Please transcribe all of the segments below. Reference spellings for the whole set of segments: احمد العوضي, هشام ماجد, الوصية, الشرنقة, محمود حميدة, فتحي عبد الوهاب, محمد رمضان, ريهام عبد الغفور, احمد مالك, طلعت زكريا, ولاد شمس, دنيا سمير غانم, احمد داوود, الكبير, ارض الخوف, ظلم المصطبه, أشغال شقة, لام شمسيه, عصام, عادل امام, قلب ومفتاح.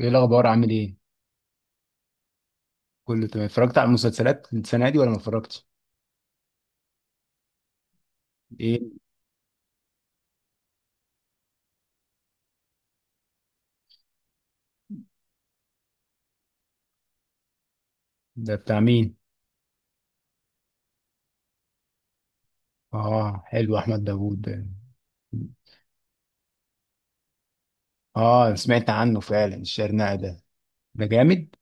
ايه الاخبار؟ عامل ايه؟ كله تمام. اتفرجت على المسلسلات السنه دي ولا ما اتفرجتش؟ ايه ده؟ بتاع مين؟ اه حلو احمد داوود ده. اه سمعت عنه فعلا، الشرنقة ده، ده جامد.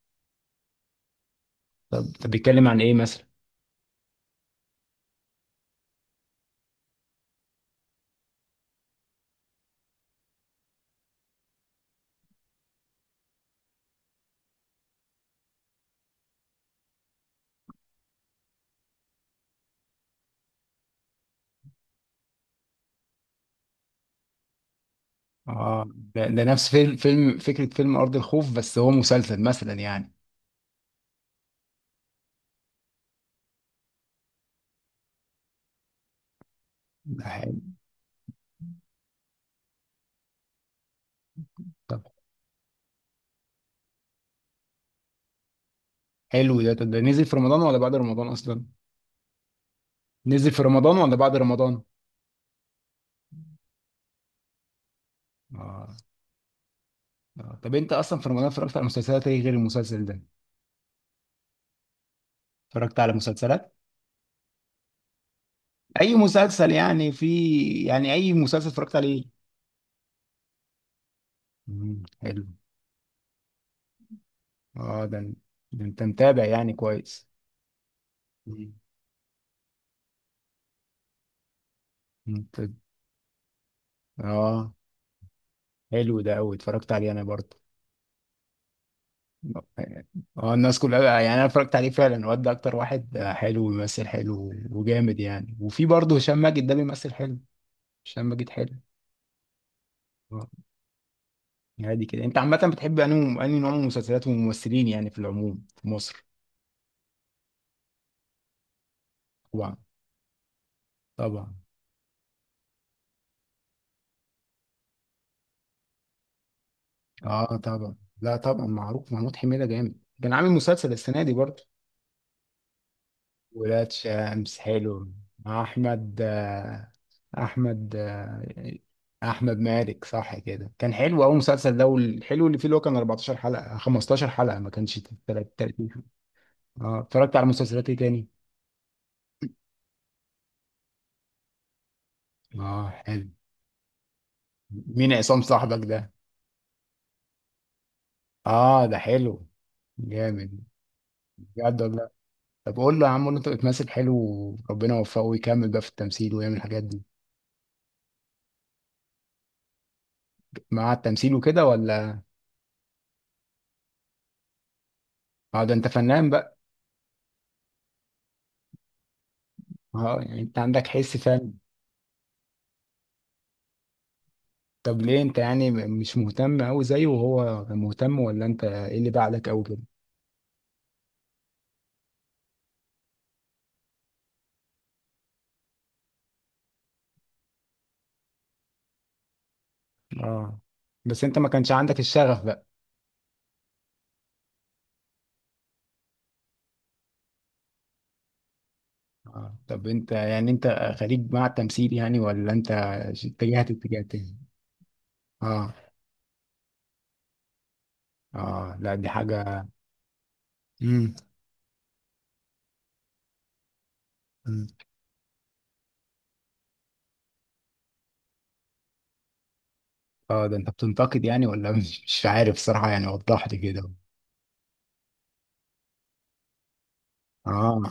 طب بيتكلم عن ايه مثلا؟ اه ده نفس فيلم فكره فيلم ارض الخوف، بس هو مسلسل مثلا يعني. ده حلو. طب حلو ده، طب ده نزل في رمضان ولا بعد رمضان اصلا؟ نزل في رمضان ولا بعد رمضان؟ اه. طب انت اصلا في رمضان اتفرجت على مسلسلات ايه غير المسلسل ده؟ اتفرجت على مسلسلات. اي مسلسل يعني في؟ يعني اي مسلسل اتفرجت عليه؟ حلو. اه ده، ده انت متابع يعني كويس. مم. انت. اه حلو ده قوي، اتفرجت عليه انا برضه. اه الناس كلها يعني، انا اتفرجت عليه فعلا، واد ده اكتر واحد حلو، بيمثل حلو وجامد يعني، وفي برضه هشام ماجد ده بيمثل حلو. هشام ماجد حلو. اه عادي كده، انت عامة بتحب انهي انهي نوع من المسلسلات والممثلين يعني في العموم في مصر؟ طبعا، طبعا. اه طبعا، لا طبعا معروف محمود حميدة جامد. كان عامل مسلسل السنة دي برضه؟ ولاد شمس حلو. مع احمد احمد احمد مالك، صح كده. كان حلو قوي المسلسل ده، والحلو اللي فيه اللي هو كان 14 حلقة 15 حلقة، ما كانش 30. اه اتفرجت على مسلسلات ايه تاني؟ اه حلو. مين عصام صاحبك ده؟ اه ده حلو، جامد. بجد والله؟ طب قول له يا عم، قول له انت بتمثل حلو، وربنا يوفقه ويكمل بقى في التمثيل ويعمل الحاجات دي. مع التمثيل وكده ولا؟ اه ده انت فنان بقى. اه يعني انت عندك حس فن. طب ليه انت يعني مش مهتم قوي زيه وهو مهتم، ولا انت ايه اللي بعدك قوي كده؟ اه. بس انت ما كانش عندك الشغف بقى. اه طب انت يعني انت خريج مع التمثيل يعني ولا انت اتجهت اتجاه تاني؟ اه. اه لا دي حاجة. امم. أمم. اه ده انت بتنتقد يعني ولا مش مش عارف صراحة يعني، وضح لي كده. اه.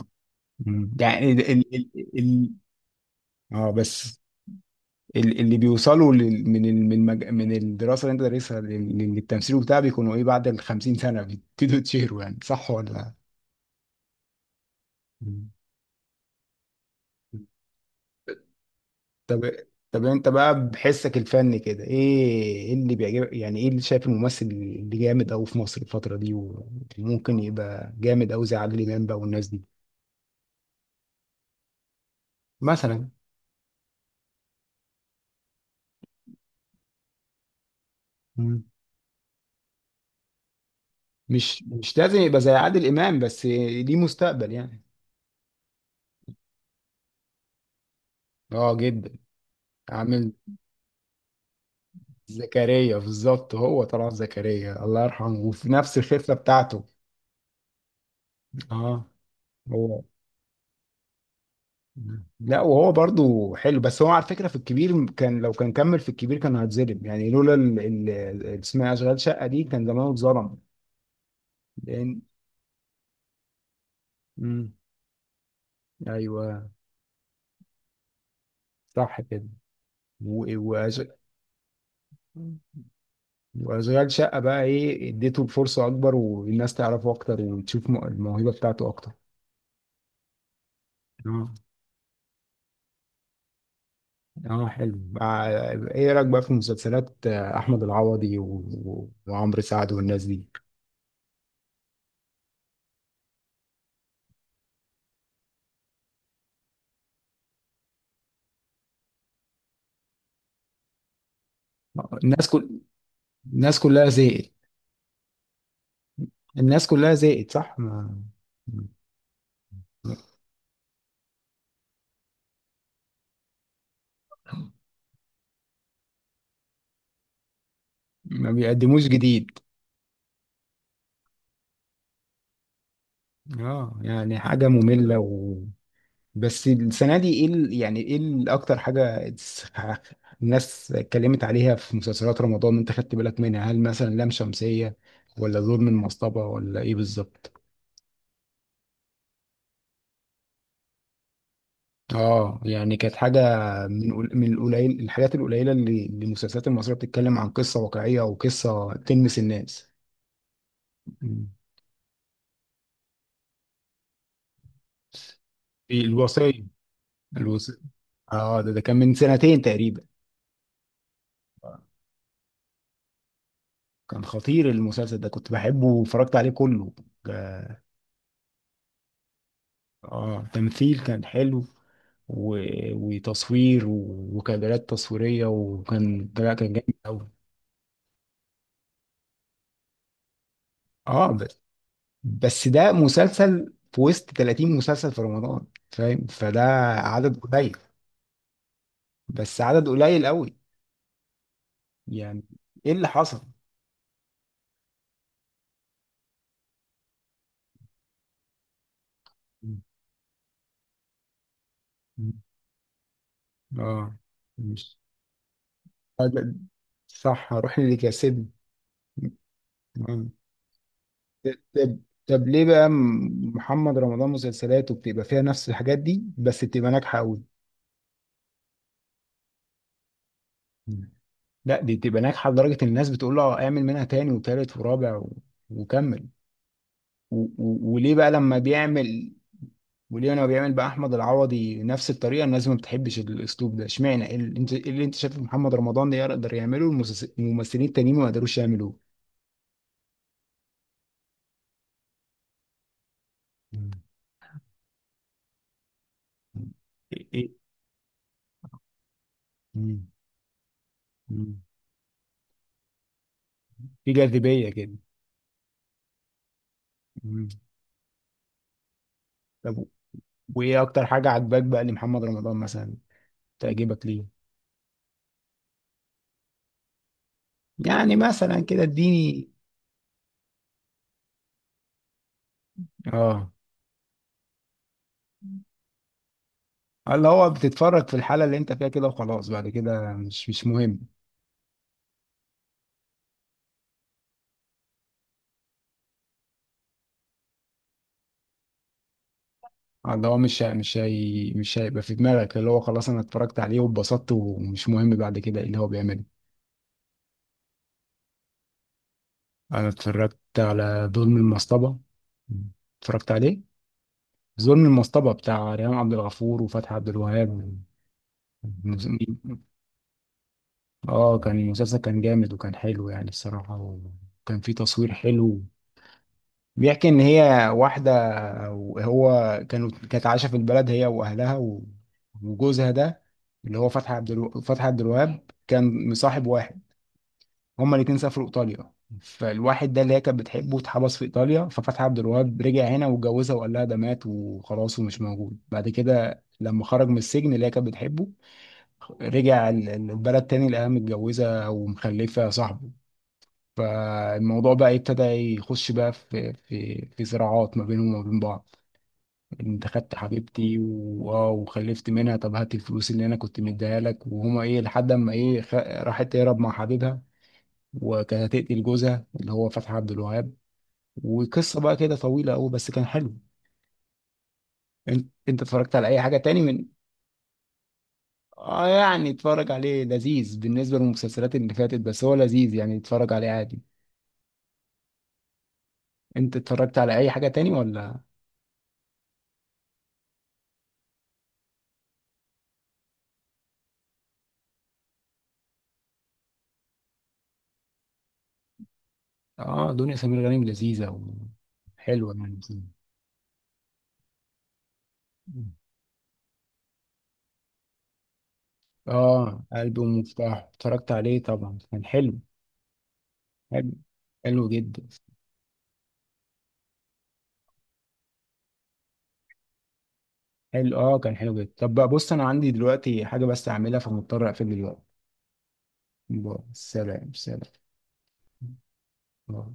أمم. يعني ال ال- اه بس اللي بيوصلوا من من من الدراسه اللي انت دارسها للتمثيل وبتاع، بيكونوا ايه؟ بعد ال 50 سنه بيبتدوا يتشهروا يعني، صح ولا؟ مم. طب طب انت بقى بحسك الفني كده ايه؟ ايه اللي بيعجبك يعني؟ ايه اللي شايف الممثل اللي جامد قوي في مصر الفتره دي، وممكن يبقى جامد قوي زي عادل امام بقى والناس دي؟ مثلا. مم. مش لازم يبقى زي عادل امام، بس ليه مستقبل يعني. اه جدا. عامل. زكريا بالظبط، هو طلعت زكريا الله يرحمه، وفي نفس الخفة بتاعته. اه. هو. لا وهو برضو حلو، بس هو على فكرة في الكبير، كان لو كان كمل في الكبير كان هيتظلم يعني، لولا اسمها أشغال شقة دي كان زمانه اتظلم. لأن. مم. أيوه. صح كده. و- وأش- وأشغال شقة بقى إيه؟ اديته الفرصة أكبر، والناس تعرفه أكتر، وتشوف الموهبة بتاعته أكتر. اه حلو ايه رايك بقى في مسلسلات احمد العوضي و... وعمرو سعد والناس دي؟ الناس الناس كلها زهقت. الناس كلها زهقت، صح. ما ما بيقدموش جديد. اه يعني حاجه ممله و... بس السنه دي ايه يعني ايه اكتر حاجه الناس اتكلمت عليها في مسلسلات رمضان، انت خدت بالك منها؟ هل مثلا لام شمسيه ولا ظلم المصطبه ولا ايه بالظبط؟ اه يعني كانت حاجه من القليل، الحاجات القليله اللي اللي المسلسلات المصريه بتتكلم عن قصه واقعيه وقصه تلمس الناس. مم. في الوصية. الوصية. اه ده كان من سنتين تقريبا. كان خطير المسلسل ده، كنت بحبه واتفرجت عليه كله. اه. تمثيل كان حلو و... وتصوير و... وكادرات تصويرية، وكان لا، كان جامد قوي. اه. بس ده مسلسل في وسط 30 مسلسل في رمضان، فاهم؟ فده عدد قليل، بس عدد قليل قوي يعني. ايه اللي حصل؟ م- م- اه، مش هذا- صح هروح اللي كسبني. آه. طب طب ليه بقى محمد رمضان مسلسلاته بتبقى فيها نفس الحاجات دي بس بتبقى ناجحة قوي؟ م. لا دي بتبقى ناجحة لدرجة إن الناس بتقول له اعمل منها تاني وتالت ورابع و... وكمل و... و... وليه بقى لما بيعمل، ولينا بيعمل بقى احمد العوضي نفس الطريقه الناس ما بتحبش الاسلوب ده؟ اشمعنى إيه اللي انت إيه اللي انت شايف محمد رمضان ده يقدر يعمله الممثلين التانيين ما قدروش يعملوه؟ مم. إيه إيه؟ مم. مم. في جاذبيه كده. مم. طب وايه اكتر حاجه عجباك بقى لمحمد رمضان مثلا؟ تعجبك ليه؟ يعني مثلا كده اديني. اه، اللي هو بتتفرج في الحاله اللي انت فيها كده وخلاص، بعد كده مش مش مهم. اللي هو مش هيبقى في دماغك اللي هو خلاص انا اتفرجت عليه واتبسطت ومش مهم بعد كده ايه اللي هو بيعمله. انا اتفرجت على ظلم المصطبة، اتفرجت عليه. ظلم المصطبة بتاع ريهام عبد الغفور وفتحي عبد الوهاب. مز- اه كان المسلسل كان جامد وكان حلو يعني الصراحة، وكان فيه تصوير حلو. بيحكي ان هي واحده، وهو كانوا كانت عايشه في البلد هي واهلها و- وجوزها ده اللي هو فتحي عبد فتحي عبد الوهاب كان مصاحب واحد. هما الاتنين سافروا ايطاليا، فالواحد ده اللي هي كانت بتحبه اتحبس في ايطاليا، ففتحي عبد الوهاب رجع هنا واتجوزها وقال لها ده مات وخلاص ومش موجود. بعد كده لما خرج من السجن اللي هي كانت بتحبه، رجع البلد تاني، لقاها متجوزه ومخلفه صاحبه. فالموضوع بقى ابتدى يخش بقى في في صراعات ما بينهم وما بين بعض. انت خدت حبيبتي و- وخلفت منها، طب هات الفلوس اللي انا كنت مديها لك. وهما ايه لحد اما ايه راحت تهرب مع حبيبها، وكانت هتقتل جوزها اللي هو فتحي عبد الوهاب. وقصه بقى كده طويله قوي، بس كان حلو. انت اتفرجت على اي حاجه تاني من. اه يعني اتفرج عليه، لذيذ بالنسبه للمسلسلات اللي فاتت، بس هو لذيذ يعني، اتفرج عليه عادي. انت اتفرجت على اي حاجه تاني ولا؟ اه دنيا سمير غانم لذيذة وحلوة يعني. مم. اه قلب ومفتاح اتفرجت عليه طبعا، كان حلو. حلو. حلو جدا. حلو اه كان حلو جدا. طب بقى بص انا عندي دلوقتي حاجة بس اعملها، فمضطر اقفل دلوقتي. باي. سلام سلام. باي.